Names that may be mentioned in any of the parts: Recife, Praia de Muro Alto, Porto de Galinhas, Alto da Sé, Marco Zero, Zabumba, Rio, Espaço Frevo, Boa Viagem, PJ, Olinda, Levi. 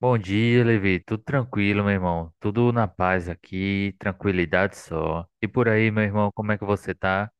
Bom dia, Levi. Tudo tranquilo, meu irmão? Tudo na paz aqui, tranquilidade só. E por aí, meu irmão, como é que você tá?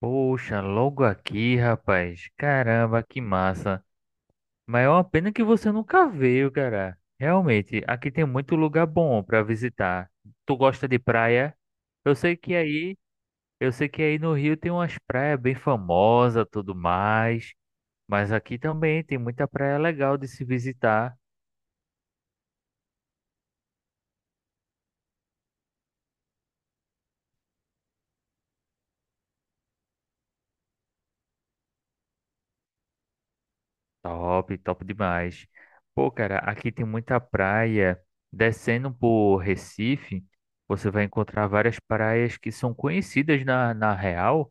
Poxa, logo aqui, rapaz. Caramba, que massa. Mas é uma pena que você nunca veio, cara. Realmente, aqui tem muito lugar bom pra visitar. Tu gosta de praia? Eu sei que aí, eu sei que aí no Rio tem umas praias bem famosas, tudo mais, mas aqui também tem muita praia legal de se visitar. Top, top demais. Pô, cara, aqui tem muita praia. Descendo por Recife, você vai encontrar várias praias que são conhecidas na real,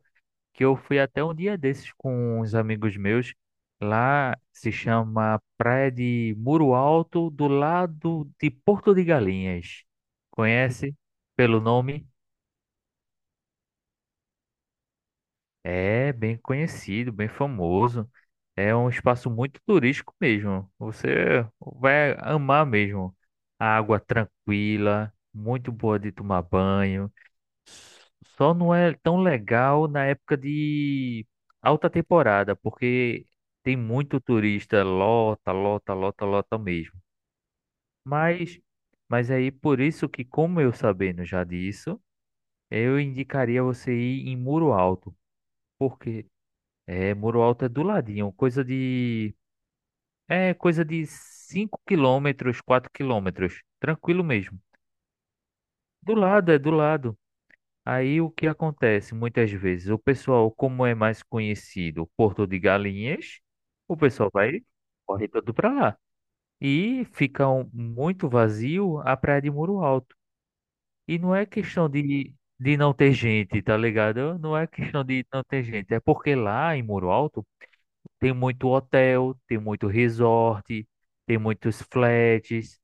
que eu fui até um dia desses com uns amigos meus. Lá se chama Praia de Muro Alto, do lado de Porto de Galinhas. Conhece pelo nome? É bem conhecido, bem famoso. É um espaço muito turístico mesmo. Você vai amar mesmo. A água tranquila, muito boa de tomar banho. Só não é tão legal na época de alta temporada, porque tem muito turista, lota, lota, lota, lota mesmo. Mas, mas aí por isso que, como eu sabendo já disso, eu indicaria você ir em Muro Alto. Porque é, Muro Alto é do ladinho, coisa de. É, coisa de 5 km, 4 km. Tranquilo mesmo. Do lado, é do lado. Aí o que acontece muitas vezes? O pessoal, como é mais conhecido, Porto de Galinhas, o pessoal vai, corre todo para lá. E fica muito vazio a praia de Muro Alto. E não é questão de não ter gente, tá ligado? Não é questão de não ter gente. É porque lá em Muro Alto. Tem muito hotel, tem muito resort, tem muitos flats.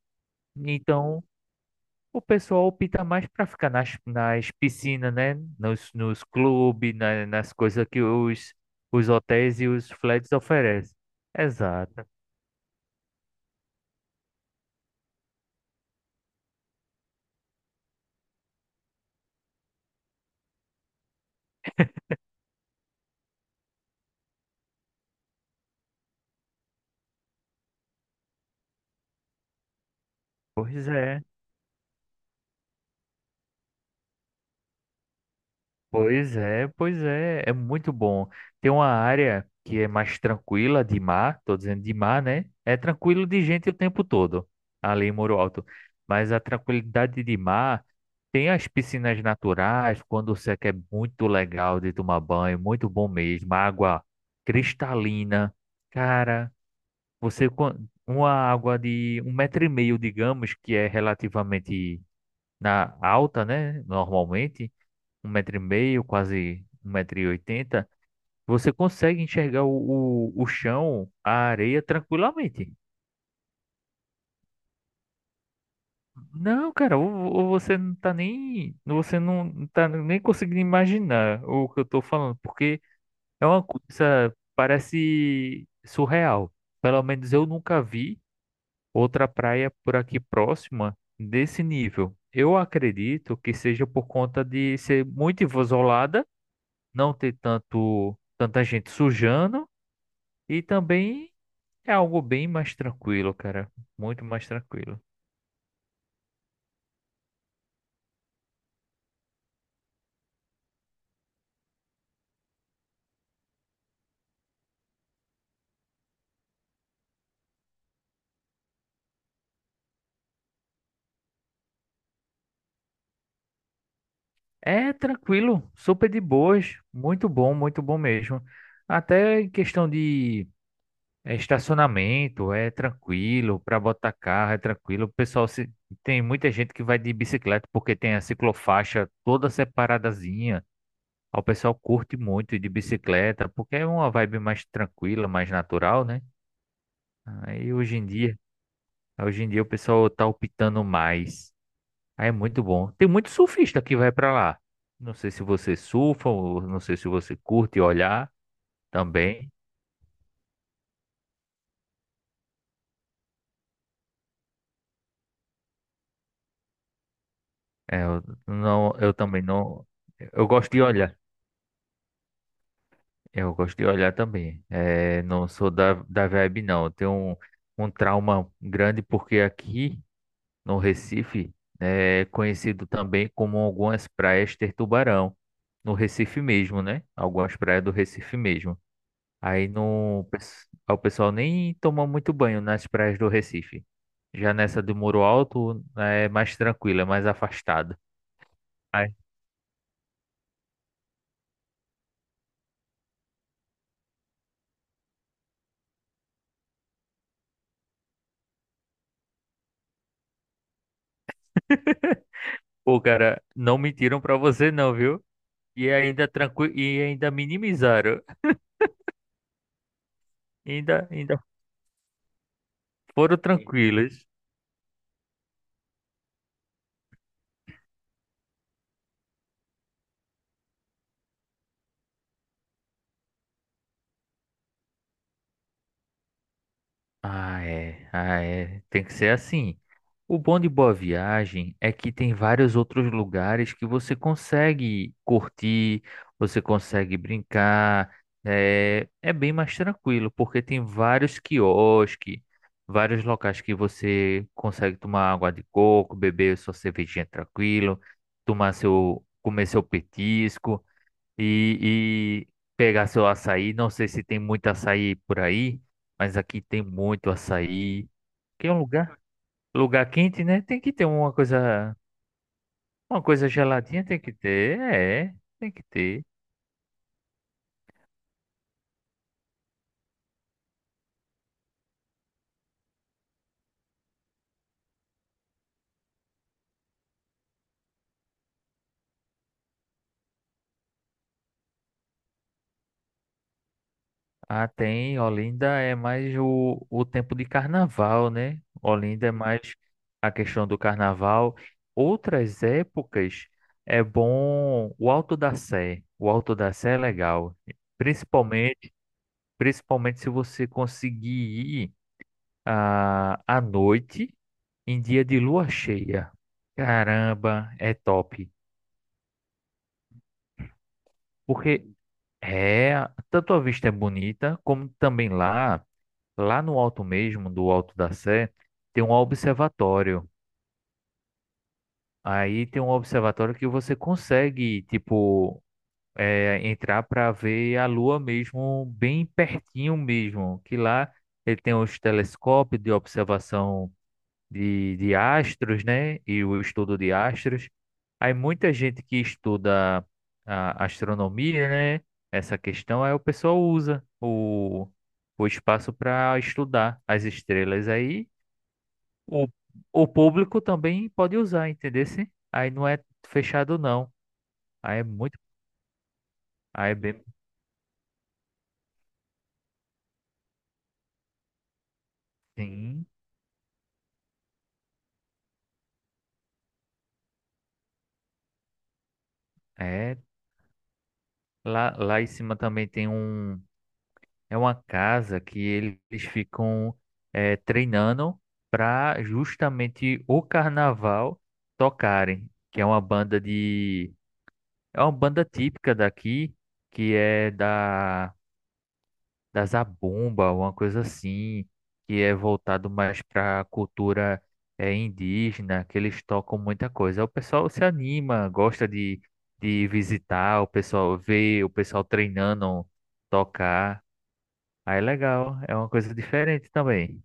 Então, o pessoal opta mais para ficar nas piscinas, né? Nos clubes, nas coisas que os hotéis e os flats oferecem. Exato. Pois é. Pois é, pois é, é muito bom. Tem uma área que é mais tranquila de mar, tô dizendo de mar, né? É tranquilo de gente o tempo todo, ali em Muro Alto. Mas a tranquilidade de mar tem as piscinas naturais, quando você quer muito legal de tomar banho, muito bom mesmo. Água cristalina, cara, você quan- uma água de um metro e meio, digamos, que é relativamente na alta, né? Normalmente um metro e meio, quase um metro e oitenta, você consegue enxergar o chão, a areia tranquilamente. Não, cara, ou você não tá nem conseguindo imaginar o que eu tô falando, porque é uma coisa, parece surreal. Pelo menos eu nunca vi outra praia por aqui próxima desse nível. Eu acredito que seja por conta de ser muito isolada, não ter tanto tanta gente sujando. E também é algo bem mais tranquilo, cara. Muito mais tranquilo. É tranquilo, super de boas. Muito bom mesmo. Até em questão de estacionamento, é tranquilo. Para botar carro, é tranquilo. O pessoal se... tem muita gente que vai de bicicleta porque tem a ciclofaixa toda separadazinha. O pessoal curte muito ir de bicicleta porque é uma vibe mais tranquila, mais natural, né? Aí hoje em dia o pessoal tá optando mais. Ah, é muito bom. Tem muito surfista que vai pra lá. Não sei se você surfa, ou não sei se você curte olhar também. É, eu também não. Eu gosto de olhar. Eu gosto de olhar também. É, não sou da vibe, não. Eu tenho um trauma grande porque aqui no Recife é conhecido também como algumas praias ter tubarão. No Recife mesmo, né? Algumas praias do Recife mesmo. Aí não, o pessoal nem toma muito banho nas praias do Recife. Já nessa do Muro Alto né, é mais tranquila, é mais afastada. Aí, pô, cara, não mentiram pra você não, viu? E ainda e ainda minimizaram. Ainda foram tranquilos. Ah, é. Ah, é. Tem que ser assim. O bom de Boa Viagem é que tem vários outros lugares que você consegue curtir, você consegue brincar. É, é bem mais tranquilo, porque tem vários quiosques, vários locais que você consegue tomar água de coco, beber sua cervejinha tranquilo, comer seu petisco e pegar seu açaí. Não sei se tem muito açaí por aí, mas aqui tem muito açaí. Que é um lugar quente, né? Tem que ter uma coisa geladinha, tem que ter, é, tem que ter. Ah, tem, Olinda é mais o tempo de carnaval, né? Olinda é mais a questão do carnaval. Outras épocas é bom o Alto da Sé. O Alto da Sé é legal. Principalmente se você conseguir ir à noite em dia de lua cheia. Caramba, é top. Porque é, tanto a vista é bonita, como também lá no alto mesmo, do Alto da Sé, tem um observatório. Aí tem um observatório que você consegue, tipo, é, entrar para ver a lua mesmo, bem pertinho mesmo. Que lá ele tem os telescópios de observação de astros, né? E o estudo de astros. Aí muita gente que estuda a astronomia, né? Essa questão aí o pessoal usa o espaço para estudar as estrelas aí. O, o público também pode usar, entendeu? Aí não é fechado não. Aí é muito, aí é bem, sim, é lá, lá em cima também tem um. É uma casa que eles ficam treinando para justamente o carnaval tocarem, que é uma banda de é uma banda típica daqui, que é da Zabumba, uma coisa assim, que é voltado mais para a cultura indígena, que eles tocam muita coisa. O pessoal se anima, gosta de visitar, o pessoal vê, o pessoal treinando tocar. Aí é legal, é uma coisa diferente também.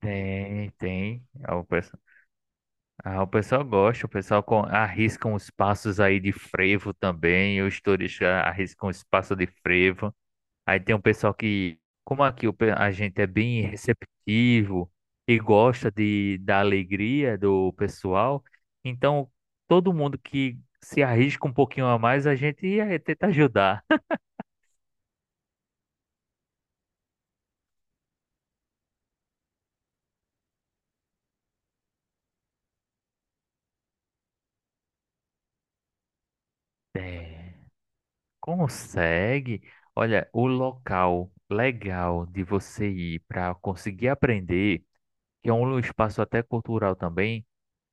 Tem, tem. Ah, o pessoal, ah, o pessoal gosta, arrisca uns passos aí de frevo também. Os turistas arriscam os passos de frevo. Aí tem um pessoal que, como aqui a gente é bem receptivo e gosta de, da alegria do pessoal, então todo mundo que se arrisca um pouquinho a mais, a gente tenta ajudar. Tem. Consegue? Olha, o local legal de você ir para conseguir aprender, que é um espaço até cultural também,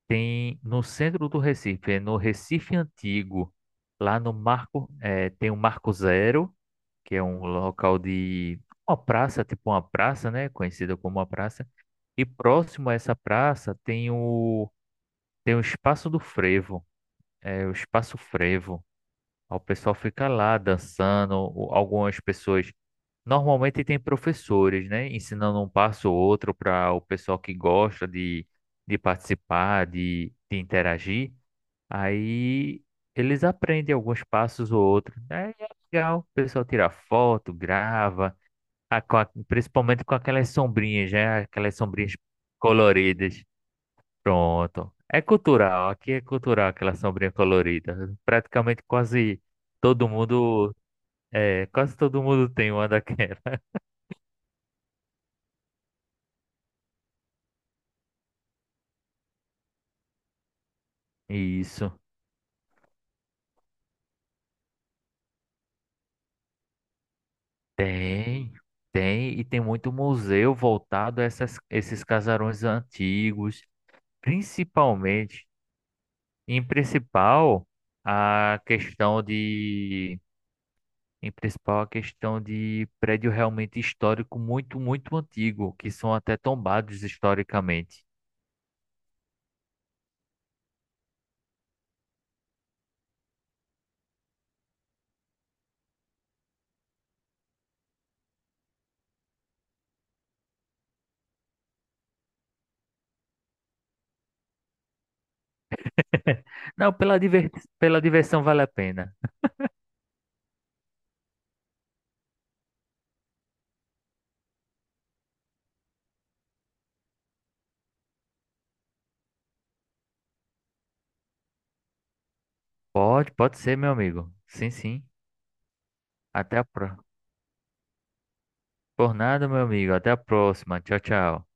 tem no centro do Recife, é no Recife Antigo. Lá no Marco, eh, tem o Marco Zero, que é um local de uma praça, tipo uma praça, né? Conhecida como uma praça. E próximo a essa praça tem tem o Espaço do Frevo, é o Espaço Frevo. O pessoal fica lá dançando, algumas pessoas. Normalmente tem professores, né, ensinando um passo ou outro para o pessoal que gosta de participar, de interagir. Aí eles aprendem alguns passos ou outros. Aí é legal, o pessoal tira foto, grava, principalmente com aquelas sombrinhas, né, aquelas sombrinhas coloridas. Pronto. É cultural, aqui é cultural aquela sombrinha colorida. Praticamente quase todo mundo, é, quase todo mundo tem uma daquela. Isso. Tem, tem, e tem muito museu voltado a essas, esses casarões antigos, principalmente, em principal, a questão de, em principal, a questão de prédio realmente histórico muito, muito antigo, que são até tombados historicamente. Não, pela diversão vale a pena. Pode, pode ser, meu amigo. Sim, sim. Até a próxima. Por nada, meu amigo. Até a próxima. Tchau, tchau.